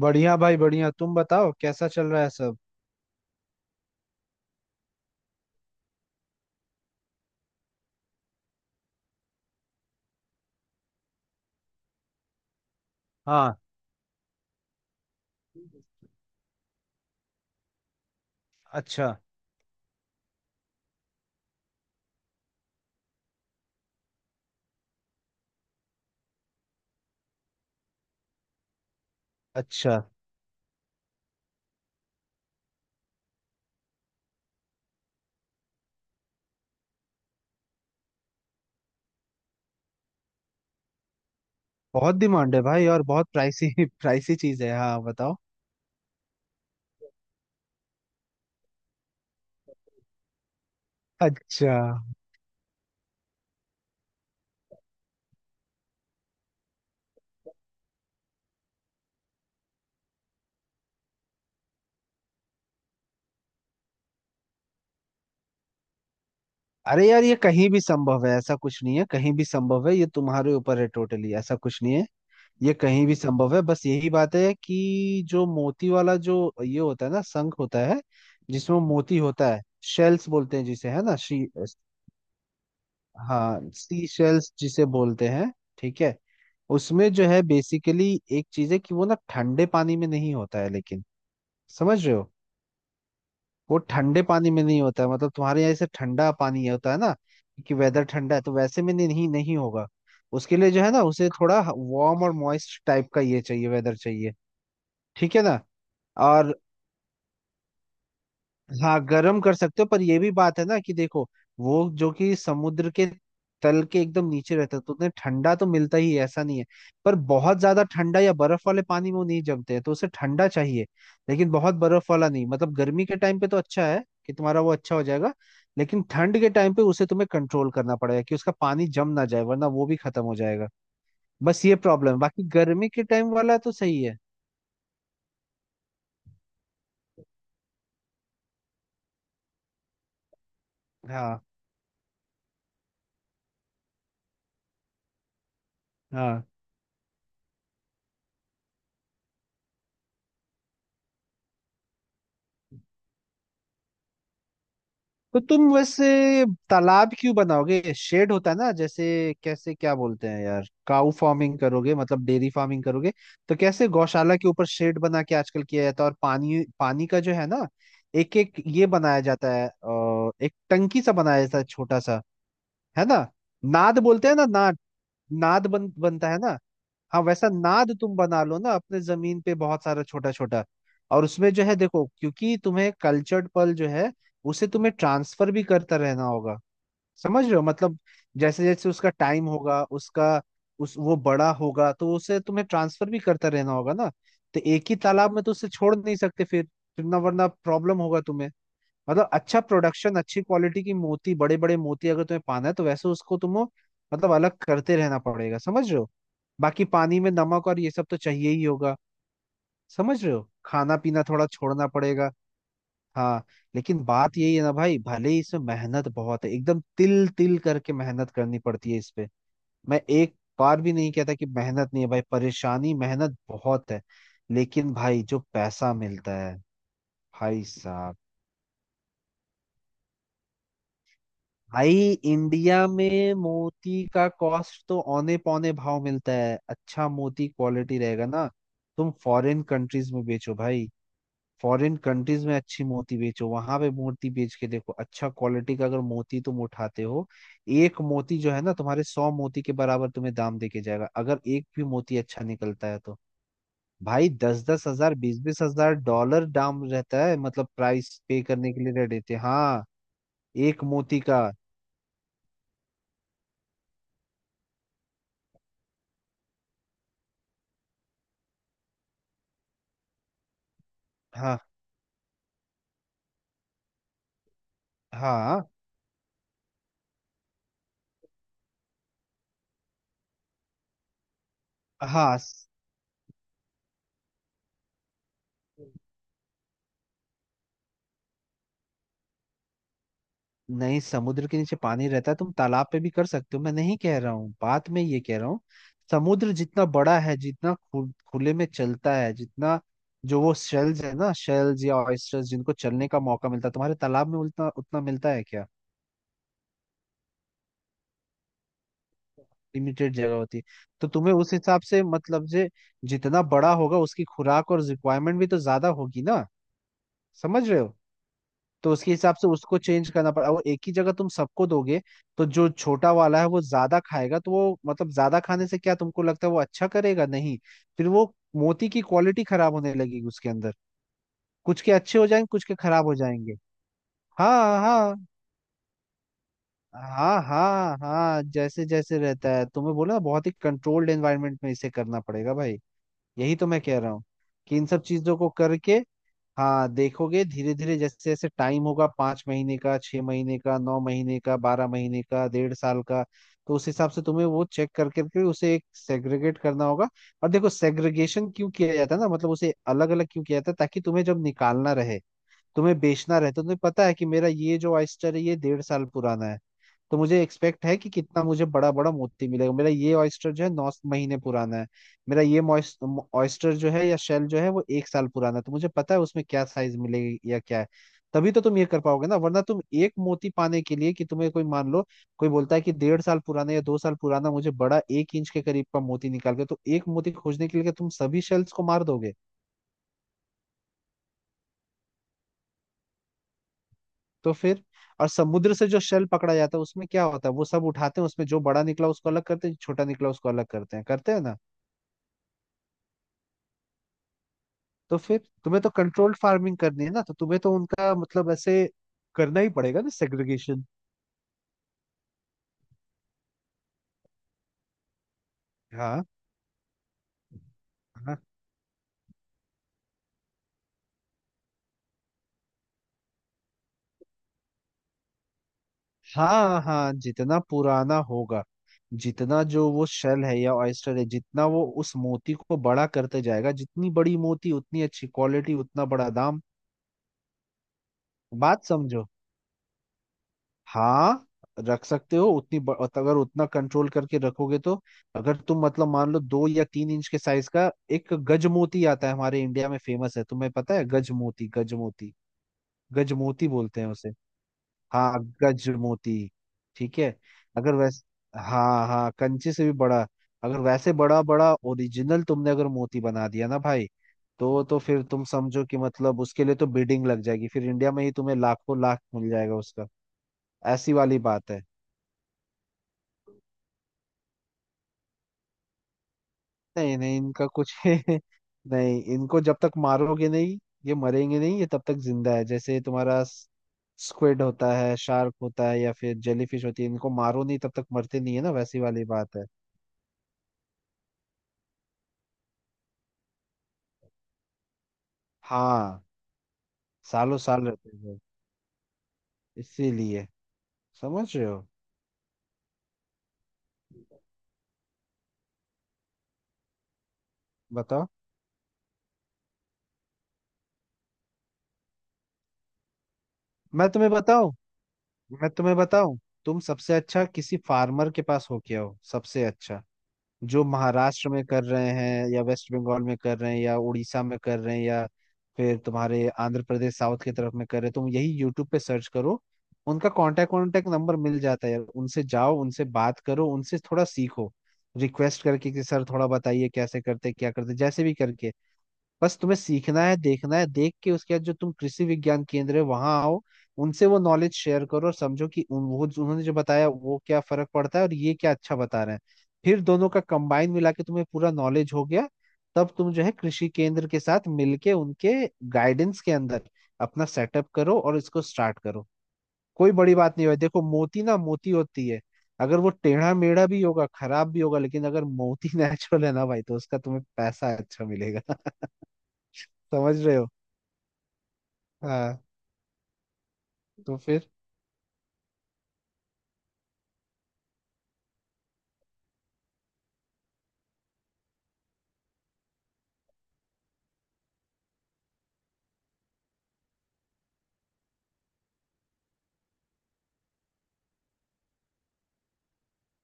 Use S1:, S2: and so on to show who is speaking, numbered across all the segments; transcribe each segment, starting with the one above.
S1: बढ़िया भाई, बढ़िया। तुम बताओ कैसा चल रहा है सब। हाँ। अच्छा। अच्छा। बहुत डिमांड है भाई, और बहुत प्राइसी प्राइसी चीज है। हाँ, बताओ। अच्छा। अरे यार, ये कहीं भी संभव है, ऐसा कुछ नहीं है। कहीं भी संभव है, ये तुम्हारे ऊपर है टोटली। ऐसा कुछ नहीं है। ये कहीं भी संभव है। बस यही बात है कि जो मोती वाला जो ये होता है ना, शंख होता है, जिसमें मोती होता है। शेल्स बोलते हैं जिसे, है ना। हाँ, सी शेल्स जिसे बोलते हैं। ठीक है। उसमें जो है बेसिकली एक चीज है कि वो ना ठंडे पानी में नहीं होता है, लेकिन समझ रहे हो, वो ठंडे पानी में नहीं होता है। मतलब तुम्हारे यहाँ जैसे ठंडा पानी होता है ना, कि वेदर ठंडा है, तो वैसे में नहीं, नहीं होगा। उसके लिए जो है ना, उसे थोड़ा वार्म और मॉइस्ट टाइप का ये चाहिए, वेदर चाहिए। ठीक है ना। और हाँ, गर्म कर सकते हो, पर ये भी बात है ना कि देखो, वो जो कि समुद्र के तल के एकदम नीचे रहता है, तो उन्हें ठंडा तो मिलता ही है, ऐसा नहीं है। पर बहुत ज्यादा ठंडा या बर्फ वाले पानी में वो नहीं जमते हैं, तो उसे ठंडा चाहिए लेकिन बहुत बर्फ वाला नहीं। मतलब गर्मी के टाइम पे तो अच्छा है कि तुम्हारा वो अच्छा हो जाएगा, लेकिन ठंड के टाइम पे उसे तुम्हें कंट्रोल करना पड़ेगा, कि उसका पानी जम ना जाए, वरना वो भी खत्म हो जाएगा। बस ये प्रॉब्लम है, बाकी गर्मी के टाइम वाला तो सही है। हाँ, हाँ। तो तुम वैसे तालाब क्यों बनाओगे, शेड होता है ना। जैसे कैसे क्या बोलते हैं यार, काउ फार्मिंग करोगे, मतलब डेयरी फार्मिंग करोगे, तो कैसे गौशाला के ऊपर शेड बना के आजकल किया जाता है। और पानी, पानी का जो है ना, एक एक ये बनाया जाता है, एक टंकी सा बनाया जाता है छोटा सा, है ना। नाद बोलते हैं ना, नाद। नाद बन बनता है ना। हाँ, वैसा नाद तुम बना लो ना अपने जमीन पे, बहुत सारा छोटा छोटा। और उसमें जो है देखो, क्योंकि तुम्हें कल्चर्ड पल जो है, उसे तुम्हें ट्रांसफर भी करता रहना होगा। समझ रहे हो मतलब, जैसे जैसे उसका टाइम होगा उसका उस वो बड़ा होगा, तो उसे तुम्हें ट्रांसफर भी करता रहना होगा ना। तो एक ही तालाब में तो उसे छोड़ नहीं सकते फिर। ना, वरना प्रॉब्लम होगा तुम्हें। मतलब अच्छा प्रोडक्शन, अच्छी क्वालिटी की मोती, बड़े बड़े मोती अगर तुम्हें पाना है, तो वैसे उसको तुम मतलब अलग करते रहना पड़ेगा। समझ रहे हो। बाकी पानी में नमक और ये सब तो चाहिए ही होगा। समझ रहे हो, खाना पीना थोड़ा छोड़ना पड़ेगा। हाँ। लेकिन बात यही है ना भाई, भले ही इसमें मेहनत बहुत है, एकदम तिल तिल करके मेहनत करनी पड़ती है इस पे। मैं एक बार भी नहीं कहता कि मेहनत नहीं है भाई, परेशानी मेहनत बहुत है, लेकिन भाई जो पैसा मिलता है, भाई साहब। भाई इंडिया में मोती का कॉस्ट तो औने पौने भाव मिलता है। अच्छा मोती क्वालिटी रहेगा ना, तुम फॉरेन कंट्रीज में बेचो भाई। फॉरेन कंट्रीज में अच्छी मोती बेचो, वहां पे मोती बेच के देखो, अच्छा क्वालिटी का अगर मोती तुम उठाते हो, एक मोती जो है ना तुम्हारे 100 मोती के बराबर तुम्हें दाम देके जाएगा। अगर एक भी मोती अच्छा निकलता है, तो भाई दस दस हजार, बीस बीस हजार डॉलर दाम रहता है, मतलब प्राइस पे करने के लिए रह देते हैं। हाँ, एक मोती का। हाँ, हाँ, हाँ। नहीं, समुद्र के नीचे पानी रहता है, तुम तालाब पे भी कर सकते हो, मैं नहीं कह रहा हूँ बात। मैं ये कह रहा हूँ, समुद्र जितना बड़ा है, जितना खुले में चलता है, जितना जो वो शेल्स है ना, शेल्स या ऑयस्टर्स, जिनको चलने का मौका मिलता है, तुम्हारे तालाब में उतना उतना मिलता है क्या। लिमिटेड जगह होती है। तो तुम्हें उस हिसाब से मतलब जे जितना बड़ा होगा, उसकी खुराक और रिक्वायरमेंट भी तो ज्यादा होगी ना। समझ रहे हो। तो उसके हिसाब से उसको चेंज करना पड़ा, और एक ही जगह तुम सबको दोगे, तो जो छोटा वाला है वो ज्यादा खाएगा, तो वो मतलब ज्यादा खाने से क्या तुमको लगता है वो अच्छा करेगा? नहीं। फिर वो मोती की क्वालिटी खराब होने लगेगी उसके अंदर। कुछ के अच्छे हो जाएंगे, कुछ के खराब हो जाएंगे। हाँ, हाँ। हाँ, हाँ, हाँ, जैसे जैसे रहता है तुम्हें बोला ना, बहुत ही कंट्रोल्ड एनवायरनमेंट में इसे करना पड़ेगा भाई। यही तो मैं कह रहा हूँ, कि इन सब चीजों को करके। हाँ, देखोगे धीरे धीरे, जैसे जैसे टाइम होगा, 5 महीने का, 6 महीने का, 9 महीने का, 12 महीने का, डेढ़ साल का, तो उस हिसाब से तुम्हें वो चेक कर करके उसे एक सेग्रीगेट करना होगा। और देखो, सेग्रीगेशन क्यों किया जाता है ना, मतलब उसे अलग अलग क्यों किया जाता है, ताकि तुम्हें जब निकालना रहे, तुम्हें बेचना रहे, तो तुम्हें पता है कि मेरा ये जो ऑयस्टर है ये डेढ़ साल पुराना है, तो मुझे एक्सपेक्ट है कि कितना मुझे बड़ा बड़ा मोती मिलेगा। मेरा ये ऑयस्टर जो है 9 महीने पुराना है। मेरा ये ऑयस्टर जो है, या शेल जो है, वो एक साल पुराना है, तो मुझे पता है उसमें क्या साइज मिलेगी या क्या है। तभी तो तुम ये कर पाओगे ना, वरना तुम एक मोती पाने के लिए, कि तुम्हें कोई मान लो कोई बोलता है कि डेढ़ साल पुराना या दो साल पुराना, मुझे बड़ा 1 इंच के करीब का मोती निकाल के, तो एक मोती खोजने के लिए तुम सभी शेल्स को मार दोगे। तो फिर। और समुद्र से जो शेल पकड़ा जाता है, उसमें क्या होता है, वो सब उठाते हैं, उसमें जो बड़ा निकला उसको अलग करते हैं, जो छोटा निकला उसको अलग करते हैं, करते हैं ना। तो फिर तुम्हें तो कंट्रोल्ड फार्मिंग करनी है ना, तो तुम्हें तो उनका मतलब ऐसे करना ही पड़ेगा ना, सेग्रीगेशन। हाँ, हाँ। हाँ, हाँ, जितना पुराना होगा, जितना जो वो शेल है या ऑयस्टर है, जितना वो उस मोती को बड़ा करते जाएगा, जितनी बड़ी मोती उतनी अच्छी क्वालिटी, उतना बड़ा दाम। बात समझो। हाँ, रख सकते हो, उतनी अगर उतना कंट्रोल करके रखोगे तो। अगर तुम मतलब मान लो 2 या 3 इंच के साइज का एक गजमोती आता है हमारे इंडिया में, फेमस है, तुम्हें पता है, गजमोती। गजमोती, गजमोती बोलते हैं उसे। हाँ, गजमोती। ठीक है। अगर वैस हाँ, हाँ, कंचे से भी बड़ा। अगर वैसे बड़ा बड़ा ओरिजिनल तुमने अगर मोती बना दिया ना भाई, तो फिर तुम समझो कि मतलब उसके लिए तो बिडिंग लग जाएगी फिर इंडिया में ही, तुम्हें लाखों लाख मिल जाएगा उसका। ऐसी वाली बात है। नहीं, नहीं, इनका कुछ नहीं। इनको जब तक मारोगे नहीं, ये मरेंगे नहीं, ये तब तक जिंदा है। जैसे तुम्हारा स्क्विड होता है, शार्क होता है, या फिर जेलीफिश होती है, इनको मारो नहीं तब तक मरते नहीं है ना, वैसी वाली बात है। हाँ, सालों साल रहते हैं वो। इसीलिए। समझ रहे हो। बताओ। मैं तुम्हें बताऊं मैं तुम्हें बताऊं, तुम सबसे अच्छा किसी फार्मर के पास होके आओ, सबसे अच्छा। जो महाराष्ट्र में कर रहे हैं, या वेस्ट बंगाल में कर रहे हैं, या उड़ीसा में कर रहे हैं, या फिर तुम्हारे आंध्र प्रदेश साउथ की तरफ में कर रहे हैं, तुम यही यूट्यूब पे सर्च करो। उनका कांटेक्ट कांटेक्ट नंबर मिल जाता है यार, उनसे जाओ, उनसे बात करो, उनसे थोड़ा सीखो। रिक्वेस्ट करके, कि सर थोड़ा बताइए कैसे करते क्या करते, जैसे भी करके। बस तुम्हें सीखना है, देखना है, देख के उसके बाद जो तुम कृषि विज्ञान केंद्र है, वहां आओ। उनसे वो नॉलेज शेयर करो, और समझो कि वो उन्होंने जो बताया वो क्या फर्क पड़ता है, और ये क्या अच्छा बता रहे हैं। फिर दोनों का कंबाइन मिला के तुम्हें पूरा नॉलेज हो गया। तब तुम जो है कृषि केंद्र के साथ मिलके, उनके गाइडेंस के अंदर अपना सेटअप करो और इसको स्टार्ट करो। कोई बड़ी बात नहीं है देखो, मोती ना मोती होती है। अगर वो टेढ़ा मेढ़ा भी होगा, खराब भी होगा, लेकिन अगर मोती नेचुरल है ना भाई, तो उसका तुम्हें पैसा अच्छा मिलेगा। समझ रहे हो। हाँ। तो फिर।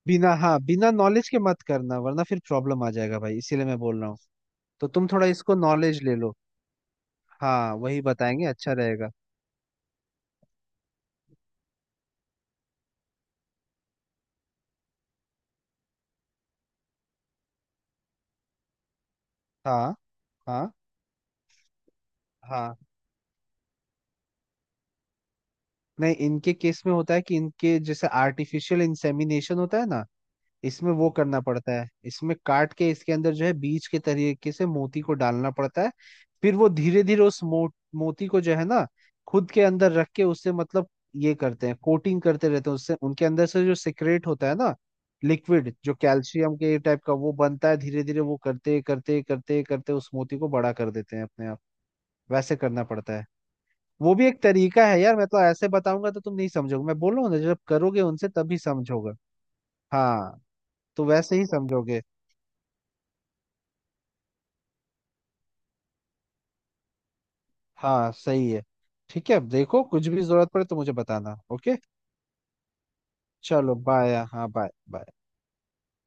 S1: बिना, हाँ, बिना नॉलेज के मत करना, वरना फिर प्रॉब्लम आ जाएगा भाई, इसीलिए मैं बोल रहा हूँ। तो तुम थोड़ा इसको नॉलेज ले लो। हाँ, वही बताएंगे, अच्छा रहेगा। हाँ, हाँ, हाँ। नहीं, इनके केस में होता है कि इनके जैसे आर्टिफिशियल इंसेमिनेशन होता है ना, इसमें वो करना पड़ता है, इसमें काट के इसके अंदर जो है बीज के तरीके से मोती को डालना पड़ता है। फिर वो धीरे धीरे उस मोती को जो है ना, खुद के अंदर रख के उससे मतलब ये करते हैं, कोटिंग करते रहते हैं उससे, उनके अंदर से जो सिक्रेट होता है ना, लिक्विड जो कैल्शियम के टाइप का वो बनता है, धीरे धीरे वो करते करते करते करते उस मोती को बड़ा कर देते हैं अपने आप। वैसे करना पड़ता है। वो भी एक तरीका है यार, मैं तो ऐसे बताऊंगा तो तुम नहीं समझोगे, मैं बोल रहा हूँ ना, जब करोगे उनसे तभी समझोगे। हाँ, तो वैसे ही समझोगे। हाँ, सही है। ठीक है देखो, कुछ भी जरूरत पड़े तो मुझे बताना, ओके। चलो बाय, हाँ, बाय बाय।